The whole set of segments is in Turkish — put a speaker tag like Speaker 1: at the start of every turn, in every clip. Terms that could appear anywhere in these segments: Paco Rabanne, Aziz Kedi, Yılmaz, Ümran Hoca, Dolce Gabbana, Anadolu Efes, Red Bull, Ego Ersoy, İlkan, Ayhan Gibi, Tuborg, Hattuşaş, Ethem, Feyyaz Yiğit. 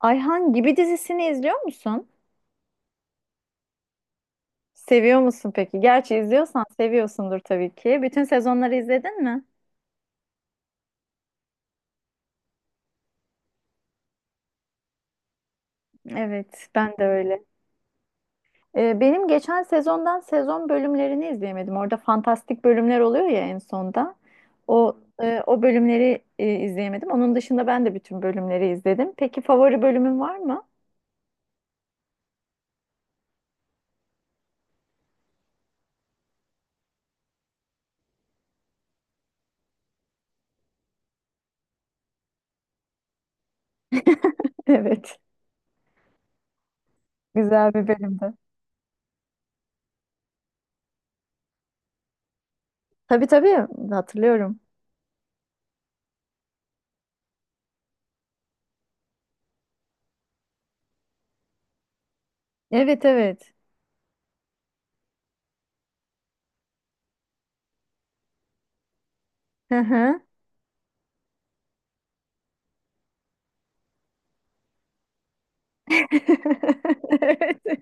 Speaker 1: Ayhan Gibi dizisini izliyor musun? Seviyor musun peki? Gerçi izliyorsan seviyorsundur tabii ki. Bütün sezonları izledin mi? Evet, ben de öyle. Benim geçen sezondan sezon bölümlerini izleyemedim. Orada fantastik bölümler oluyor ya en sonda. O o bölümleri izleyemedim. Onun dışında ben de bütün bölümleri izledim. Peki favori bölümün var mı? Evet. Güzel bir bölümdü. Tabii tabii, hatırlıyorum. Evet, evet. Hı hı. Evet.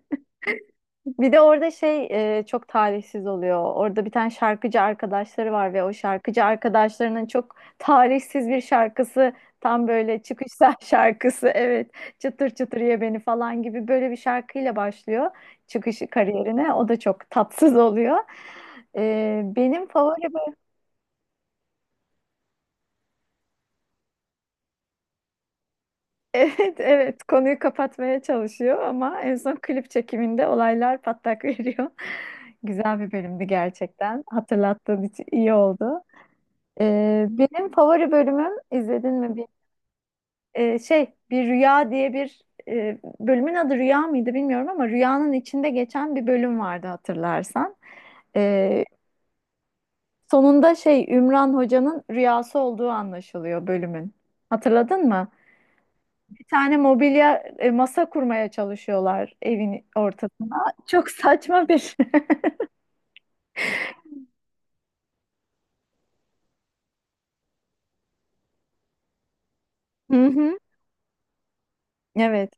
Speaker 1: Bir de orada çok talihsiz oluyor. Orada bir tane şarkıcı arkadaşları var ve o şarkıcı arkadaşlarının çok talihsiz bir şarkısı, tam böyle şarkısı, evet, çıtır çıtır ye beni falan gibi böyle bir şarkıyla başlıyor çıkışı kariyerine. O da çok tatsız oluyor. E, benim favori böyle- evet evet, konuyu kapatmaya çalışıyor ama en son klip çekiminde olaylar patlak veriyor. Güzel bir bölümdü gerçekten. Hatırlattığın için iyi oldu. Benim favori bölümüm, izledin mi? Bir rüya diye bir, bölümün adı rüya mıydı bilmiyorum ama rüyanın içinde geçen bir bölüm vardı hatırlarsan. Ee, Sonunda şey, Ümran Hoca'nın rüyası olduğu anlaşılıyor bölümün. Hatırladın mı? Bir tane masa kurmaya çalışıyorlar evin ortasına. Çok saçma bir. Hı hı. Evet.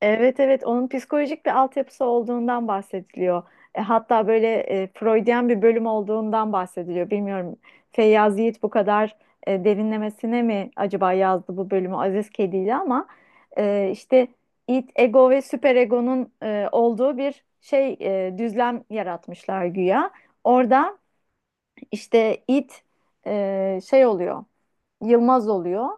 Speaker 1: Evet evet, onun psikolojik bir altyapısı olduğundan bahsediliyor. Hatta böyle, Freudian bir bölüm olduğundan bahsediliyor. Bilmiyorum, Feyyaz Yiğit bu kadar derinlemesine mi acaba yazdı bu bölümü Aziz Kedi ile, ama işte id, ego ve süperegonun olduğu bir düzlem yaratmışlar güya. Orada işte it e, şey oluyor. Yılmaz oluyor.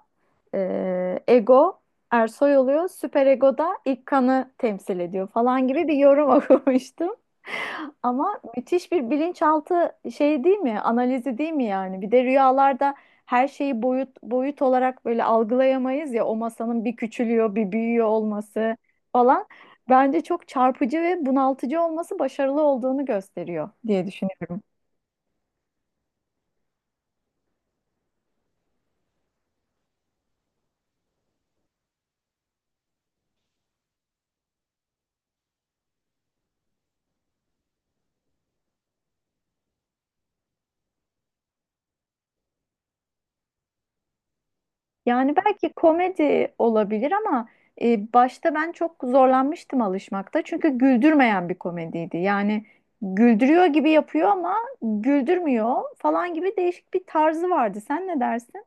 Speaker 1: Ego Ersoy oluyor. Süper Ego da İlkan'ı temsil ediyor falan gibi bir yorum okumuştum. Ama müthiş bir bilinçaltı şey değil mi? Analizi değil mi yani? Bir de rüyalarda her şeyi boyut boyut olarak böyle algılayamayız ya, o masanın bir küçülüyor, bir büyüyor olması falan. Bence çok çarpıcı ve bunaltıcı olması başarılı olduğunu gösteriyor diye düşünüyorum. Yani belki komedi olabilir ama başta ben çok zorlanmıştım alışmakta. Çünkü güldürmeyen bir komediydi. Yani güldürüyor gibi yapıyor ama güldürmüyor falan gibi değişik bir tarzı vardı. Sen ne dersin?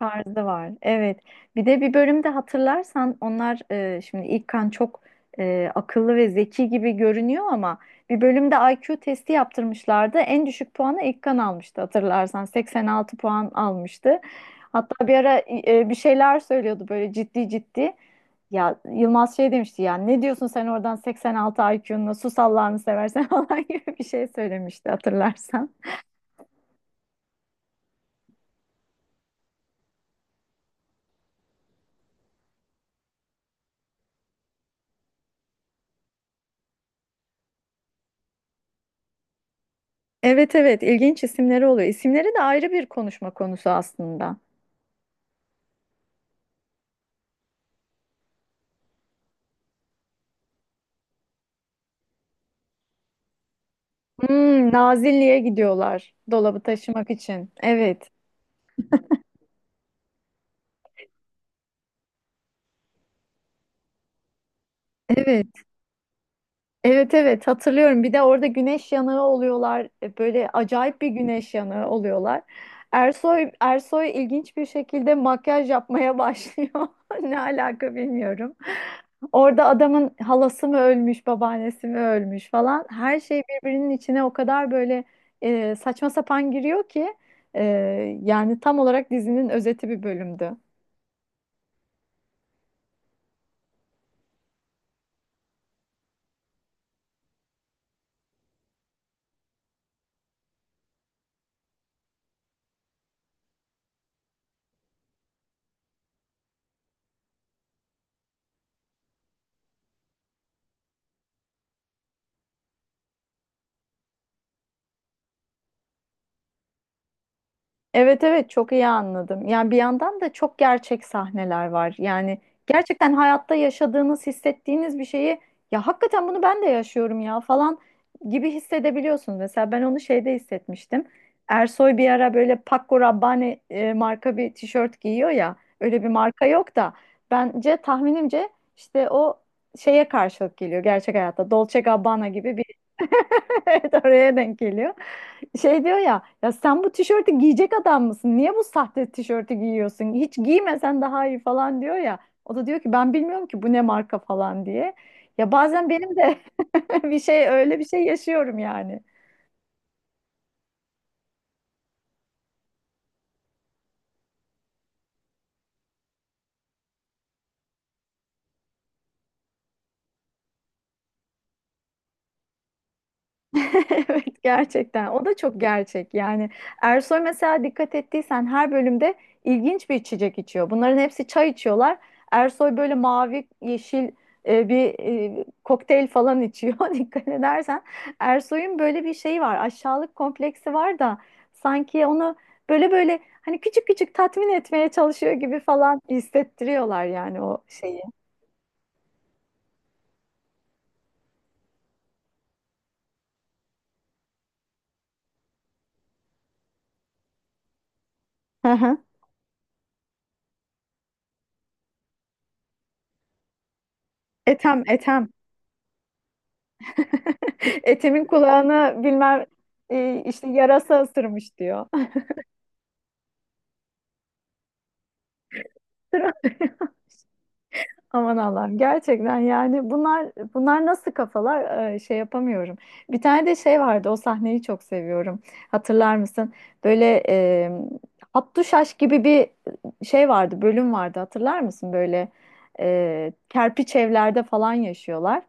Speaker 1: Tarzı var. Evet. Bir de bir bölümde hatırlarsan, onlar şimdi İlkan çok akıllı ve zeki gibi görünüyor ama bir bölümde IQ testi yaptırmışlardı. En düşük puanı İlkan almıştı hatırlarsan. 86 puan almıştı. Hatta bir ara bir şeyler söylüyordu böyle ciddi ciddi. Ya Yılmaz şey demişti ya, ne diyorsun sen oradan 86 IQ'nla, sus Allah'ını seversen falan gibi bir şey söylemişti hatırlarsan. Evet evet, ilginç isimleri oluyor. İsimleri de ayrı bir konuşma konusu aslında. Hmm, Nazilli'ye gidiyorlar dolabı taşımak için. Evet. Evet. Evet evet hatırlıyorum. Bir de orada güneş yanığı oluyorlar. E, böyle acayip bir güneş yanığı oluyorlar. Ersoy ilginç bir şekilde makyaj yapmaya başlıyor. Ne alaka bilmiyorum. Orada adamın halası mı ölmüş, babaannesi mi ölmüş falan. Her şey birbirinin içine o kadar böyle saçma sapan giriyor ki, e, yani tam olarak dizinin özeti bir bölümdü. Evet evet, çok iyi anladım. Yani bir yandan da çok gerçek sahneler var. Yani gerçekten hayatta yaşadığınız, hissettiğiniz bir şeyi, ya hakikaten bunu ben de yaşıyorum ya falan gibi hissedebiliyorsunuz. Mesela ben onu şeyde hissetmiştim. Ersoy bir ara böyle Paco Rabanne marka bir tişört giyiyor ya. Öyle bir marka yok da bence tahminimce işte o şeye karşılık geliyor gerçek hayatta. Dolce Gabbana gibi bir. Evet, oraya denk geliyor. Şey diyor ya, ya sen bu tişörtü giyecek adam mısın? Niye bu sahte tişörtü giyiyorsun? Hiç giymesen daha iyi falan diyor ya. O da diyor ki ben bilmiyorum ki bu ne marka falan diye. Ya bazen benim de bir şey öyle bir şey yaşıyorum yani. Evet gerçekten, o da çok gerçek yani. Ersoy mesela dikkat ettiysen her bölümde ilginç bir içecek içiyor, bunların hepsi çay içiyorlar, Ersoy böyle mavi yeşil bir kokteyl falan içiyor dikkat edersen. Ersoy'un böyle bir şeyi var, aşağılık kompleksi var da, sanki onu böyle böyle hani küçük küçük tatmin etmeye çalışıyor gibi falan hissettiriyorlar yani o şeyi. Hı hı. Ethem Etemin kulağına bilmem, işte yarasa ısırmış diyor. Aman Allah'ım, gerçekten yani bunlar nasıl kafalar, şey yapamıyorum. Bir tane de şey vardı, o sahneyi çok seviyorum. Hatırlar mısın? Böyle Hattuşaş gibi bir şey vardı bölüm vardı hatırlar mısın? Böyle kerpiç evlerde falan yaşıyorlar.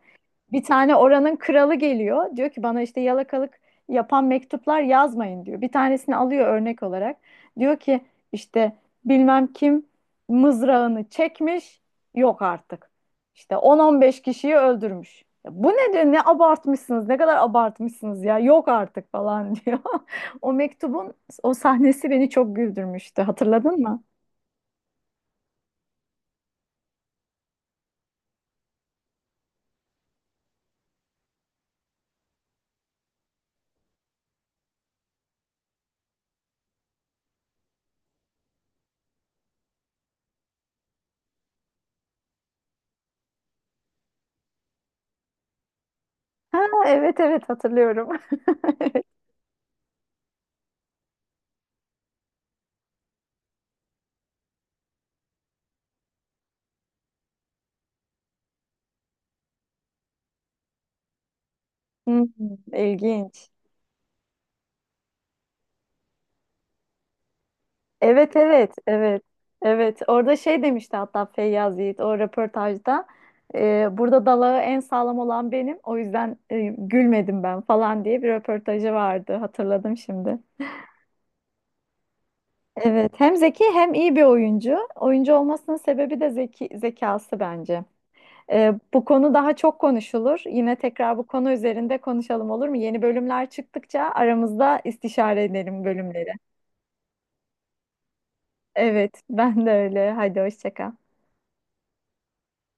Speaker 1: Bir tane oranın kralı geliyor. Diyor ki bana işte yalakalık yapan mektuplar yazmayın diyor. Bir tanesini alıyor örnek olarak. Diyor ki işte bilmem kim mızrağını çekmiş, yok artık. İşte 10-15 kişiyi öldürmüş. Ya bu ne diyor? Ne abartmışsınız? Ne kadar abartmışsınız ya? Yok artık falan diyor. O mektubun o sahnesi beni çok güldürmüştü. Hatırladın mı? Ha, evet evet hatırlıyorum. Hmm, ilginç. Evet evet evet evet, orada şey demişti hatta Feyyaz Yiğit o röportajda, burada dalağı en sağlam olan benim, o yüzden gülmedim ben falan diye bir röportajı vardı, hatırladım şimdi. Evet, hem zeki hem iyi bir oyuncu, olmasının sebebi de zekası bence. E, bu konu daha çok konuşulur, yine tekrar bu konu üzerinde konuşalım olur mu? Yeni bölümler çıktıkça aramızda istişare edelim bölümleri. Evet ben de öyle, hadi hoşça kal.